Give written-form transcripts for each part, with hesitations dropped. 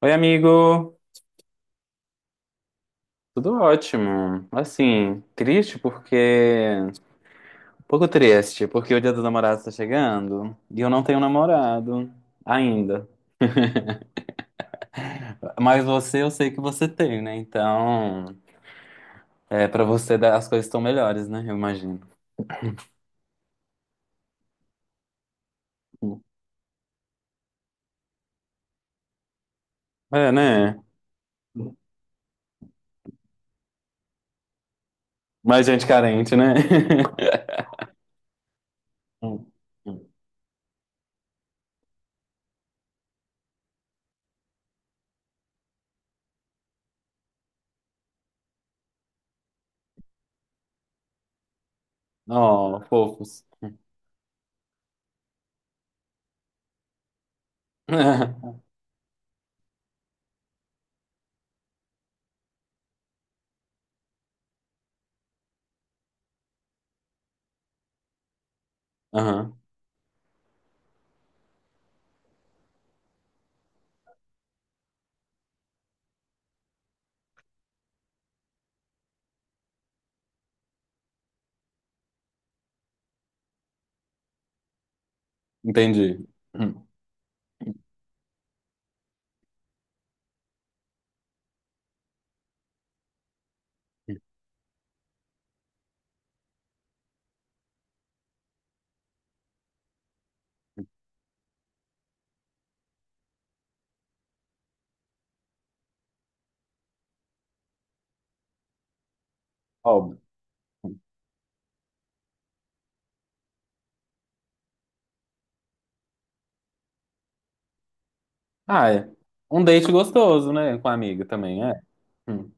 Oi, amigo. Tudo ótimo. Assim, triste porque. um pouco triste, porque o Dia dos Namorados tá chegando e eu não tenho namorado ainda. Mas você, eu sei que você tem, né? Então, as coisas estão melhores, né? Eu imagino. É, né? Mais gente carente, né? Hum, hum. Oh, fofos. Aham, entendi. Hum. Óbvio. Ah, é. Um date gostoso, né? Com a amiga também, é. Hum,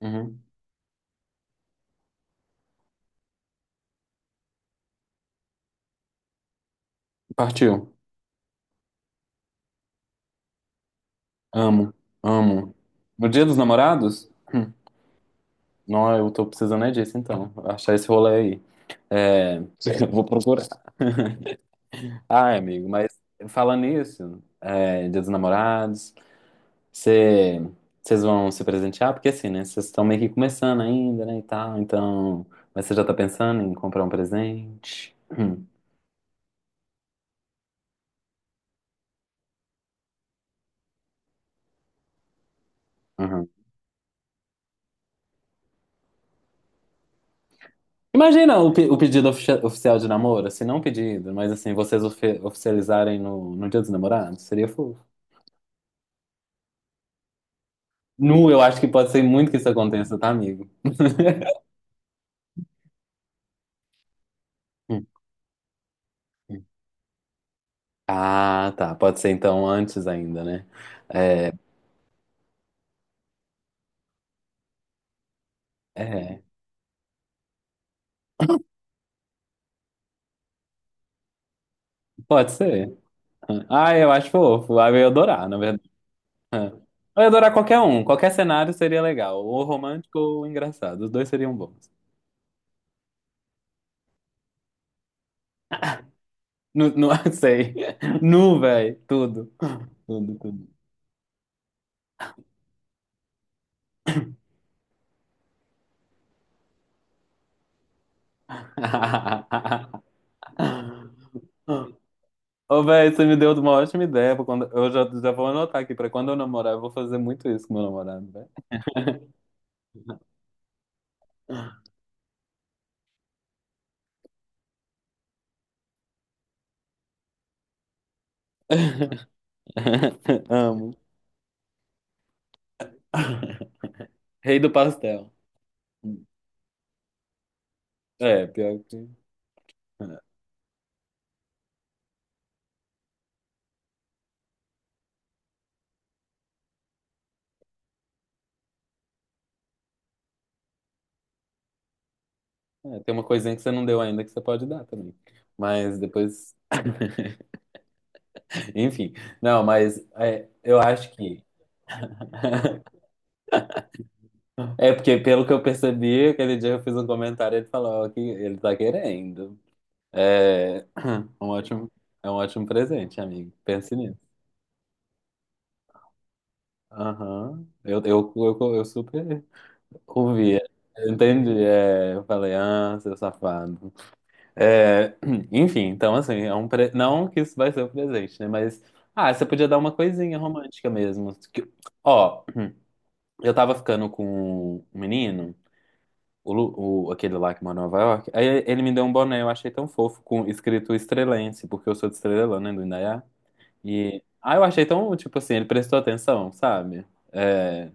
uhum. Partiu. Amo, amo. No Dia dos Namorados? Hum. Não, eu tô precisando é disso, então. Achar esse rolê aí. É, vou procurar. Ai, amigo, mas falando nisso, é, Dia dos Namorados, cê- vocês vão se presentear? Porque assim, né? Vocês estão meio que começando ainda, né, e tal. Então, mas você já tá pensando em comprar um presente? Uhum. Imagina o oficial de namoro, assim, não um pedido, mas assim, vocês oficializarem no Dia dos Namorados, seria fofo. Nu, eu acho que pode ser muito que isso aconteça, tá, amigo? Hum, hum. Ah, tá, pode ser então antes ainda, né? É, é, pode ser. Ah, eu acho fofo, ah, eu ia adorar, na verdade. Ah. Eu ia adorar qualquer um, qualquer cenário seria legal, ou romântico ou engraçado, os dois seriam bons. Nu, nu, sei. Nu, velho, tudo. Tudo, tudo. Ah, ah. Ô, velho, você me deu uma ótima ideia. Eu já vou anotar aqui pra quando eu namorar, eu vou fazer muito isso com meu namorado, velho. Amo. Rei do pastel. É, pior que. É, tem uma coisinha que você não deu ainda que você pode dar também. Mas depois. Enfim. Não, mas é, eu acho que. É porque, pelo que eu percebi, aquele dia eu fiz um comentário e ele falou que ele tá querendo. É, um ótimo, é um ótimo presente, amigo. Pense. Aham. Eu super ouvia. Eu entendi. É, eu falei, ah, seu safado. É, enfim, então assim, não que isso vai ser o presente, né? Mas, ah, você podia dar uma coisinha romântica mesmo. Que- Ó, eu tava ficando com um menino, aquele lá que mora em Nova York, aí ele me deu um boné, eu achei tão fofo, com escrito Estrelense, porque eu sou de Estrelândia, né, do Indaiá. E, ah, eu achei tão, tipo assim, ele prestou atenção, sabe? É.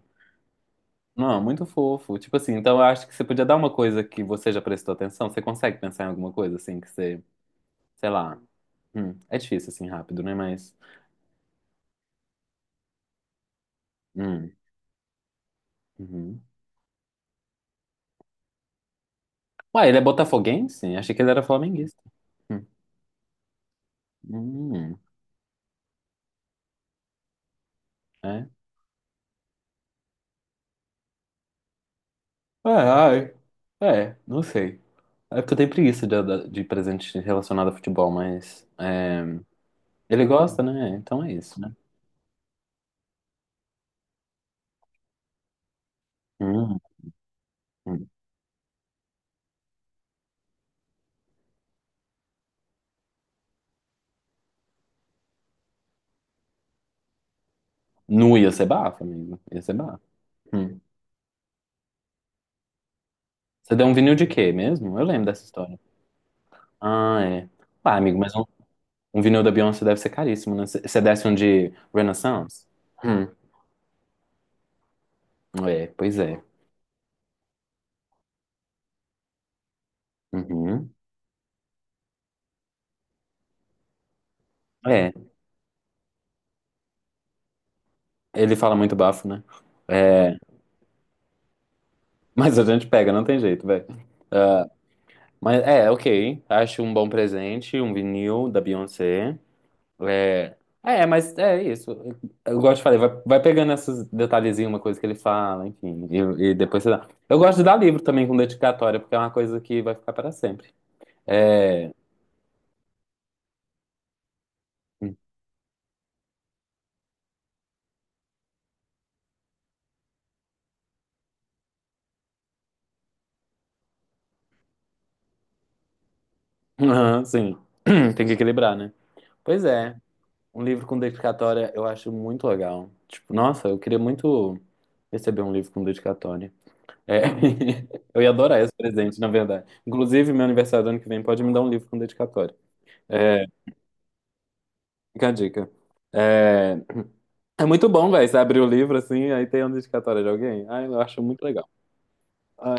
Não, muito fofo. Tipo assim, então eu acho que você podia dar uma coisa que você já prestou atenção. Você consegue pensar em alguma coisa assim que você, sei lá. É difícil assim rápido, né? Mas. Hum, uhum. Ué, ele é botafoguense? Achei que ele era flamenguista. Hum, hum, é. É, ai. É, não sei. É porque eu tenho preguiça de presente relacionado a futebol, mas. É, ele gosta, né? Então é isso, né? Hum, hum. Nu, ia ser bafo, amigo. Ia ser bafo. Hum. Você deu um vinil de quê mesmo? Eu lembro dessa história. Ah, é. Pá, amigo, um vinil da Beyoncé deve ser caríssimo, né? Você desce um de Renaissance? Hum, é, pois é. Uhum. É, ele fala muito bafo, né? É, mas a gente pega, não tem jeito, velho. Ah, mas é, ok. Acho um bom presente, um vinil da Beyoncé. É, é, mas é isso. Eu gosto de falar, vai pegando esses detalhezinhos, uma coisa que ele fala, enfim, e depois você dá. Eu gosto de dar livro também com dedicatória, porque é uma coisa que vai ficar para sempre. É, aham, sim. Tem que equilibrar, né? Pois é, um livro com dedicatória eu acho muito legal. Tipo, nossa, eu queria muito receber um livro com dedicatória. É. Eu ia adorar esse presente, na verdade. Inclusive, meu aniversário do ano que vem pode me dar um livro com dedicatória. É, fica a dica. É, é muito bom, velho, você abrir o livro assim, aí tem uma dedicatória de alguém. Ai, eu acho muito legal. Ah,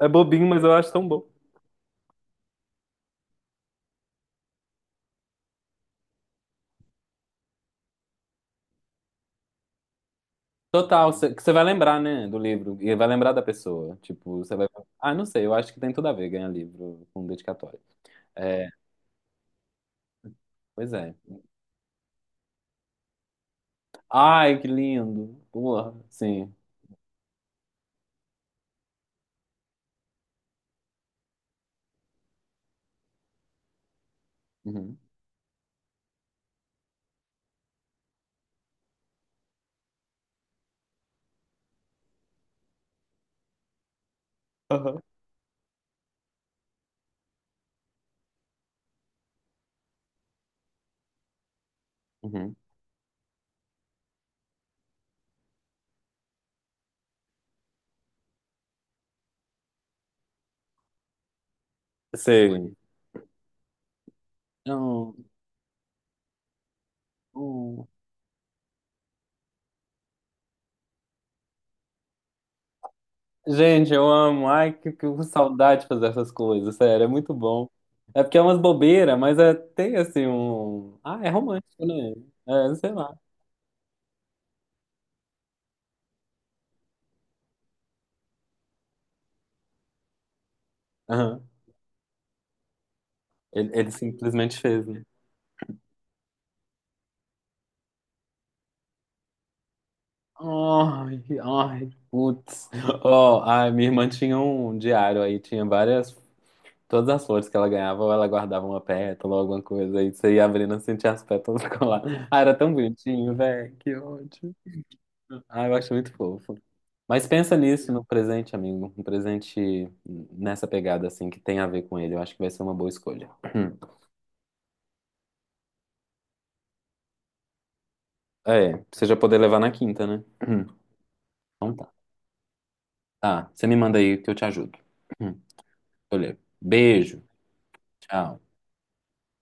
é. É bobinho, mas eu acho tão bom. Total, que você vai lembrar, né, do livro, e vai lembrar da pessoa. Tipo, você vai. Ah, não sei, eu acho que tem tudo a ver ganhar livro com dedicatória. É, pois é. Ai, que lindo! Porra, sim. Uhum, aham, uhum. Sei. Não, não. Gente, eu amo. Ai, que saudade de fazer essas coisas, sério, é muito bom. É porque é umas bobeiras, mas é, tem assim um. Ah, é romântico, né? É, sei lá. Aham. Ele simplesmente fez, né? Ai, ai, putz. Ó, a minha irmã tinha um diário aí, tinha várias. Todas as flores que ela ganhava, ou ela guardava uma pétala ou alguma coisa. Aí você ia abrindo e sentia as pétalas colar. Ah, era tão bonitinho, velho. Que ótimo. Ah, eu acho muito fofo. Mas pensa nisso no presente, amigo. Um presente nessa pegada, assim, que tem a ver com ele. Eu acho que vai ser uma boa escolha. É, pra você já poder levar na quinta, né? Então tá. Tá, você me manda aí que eu te ajudo. Olha. Beijo. Tchau.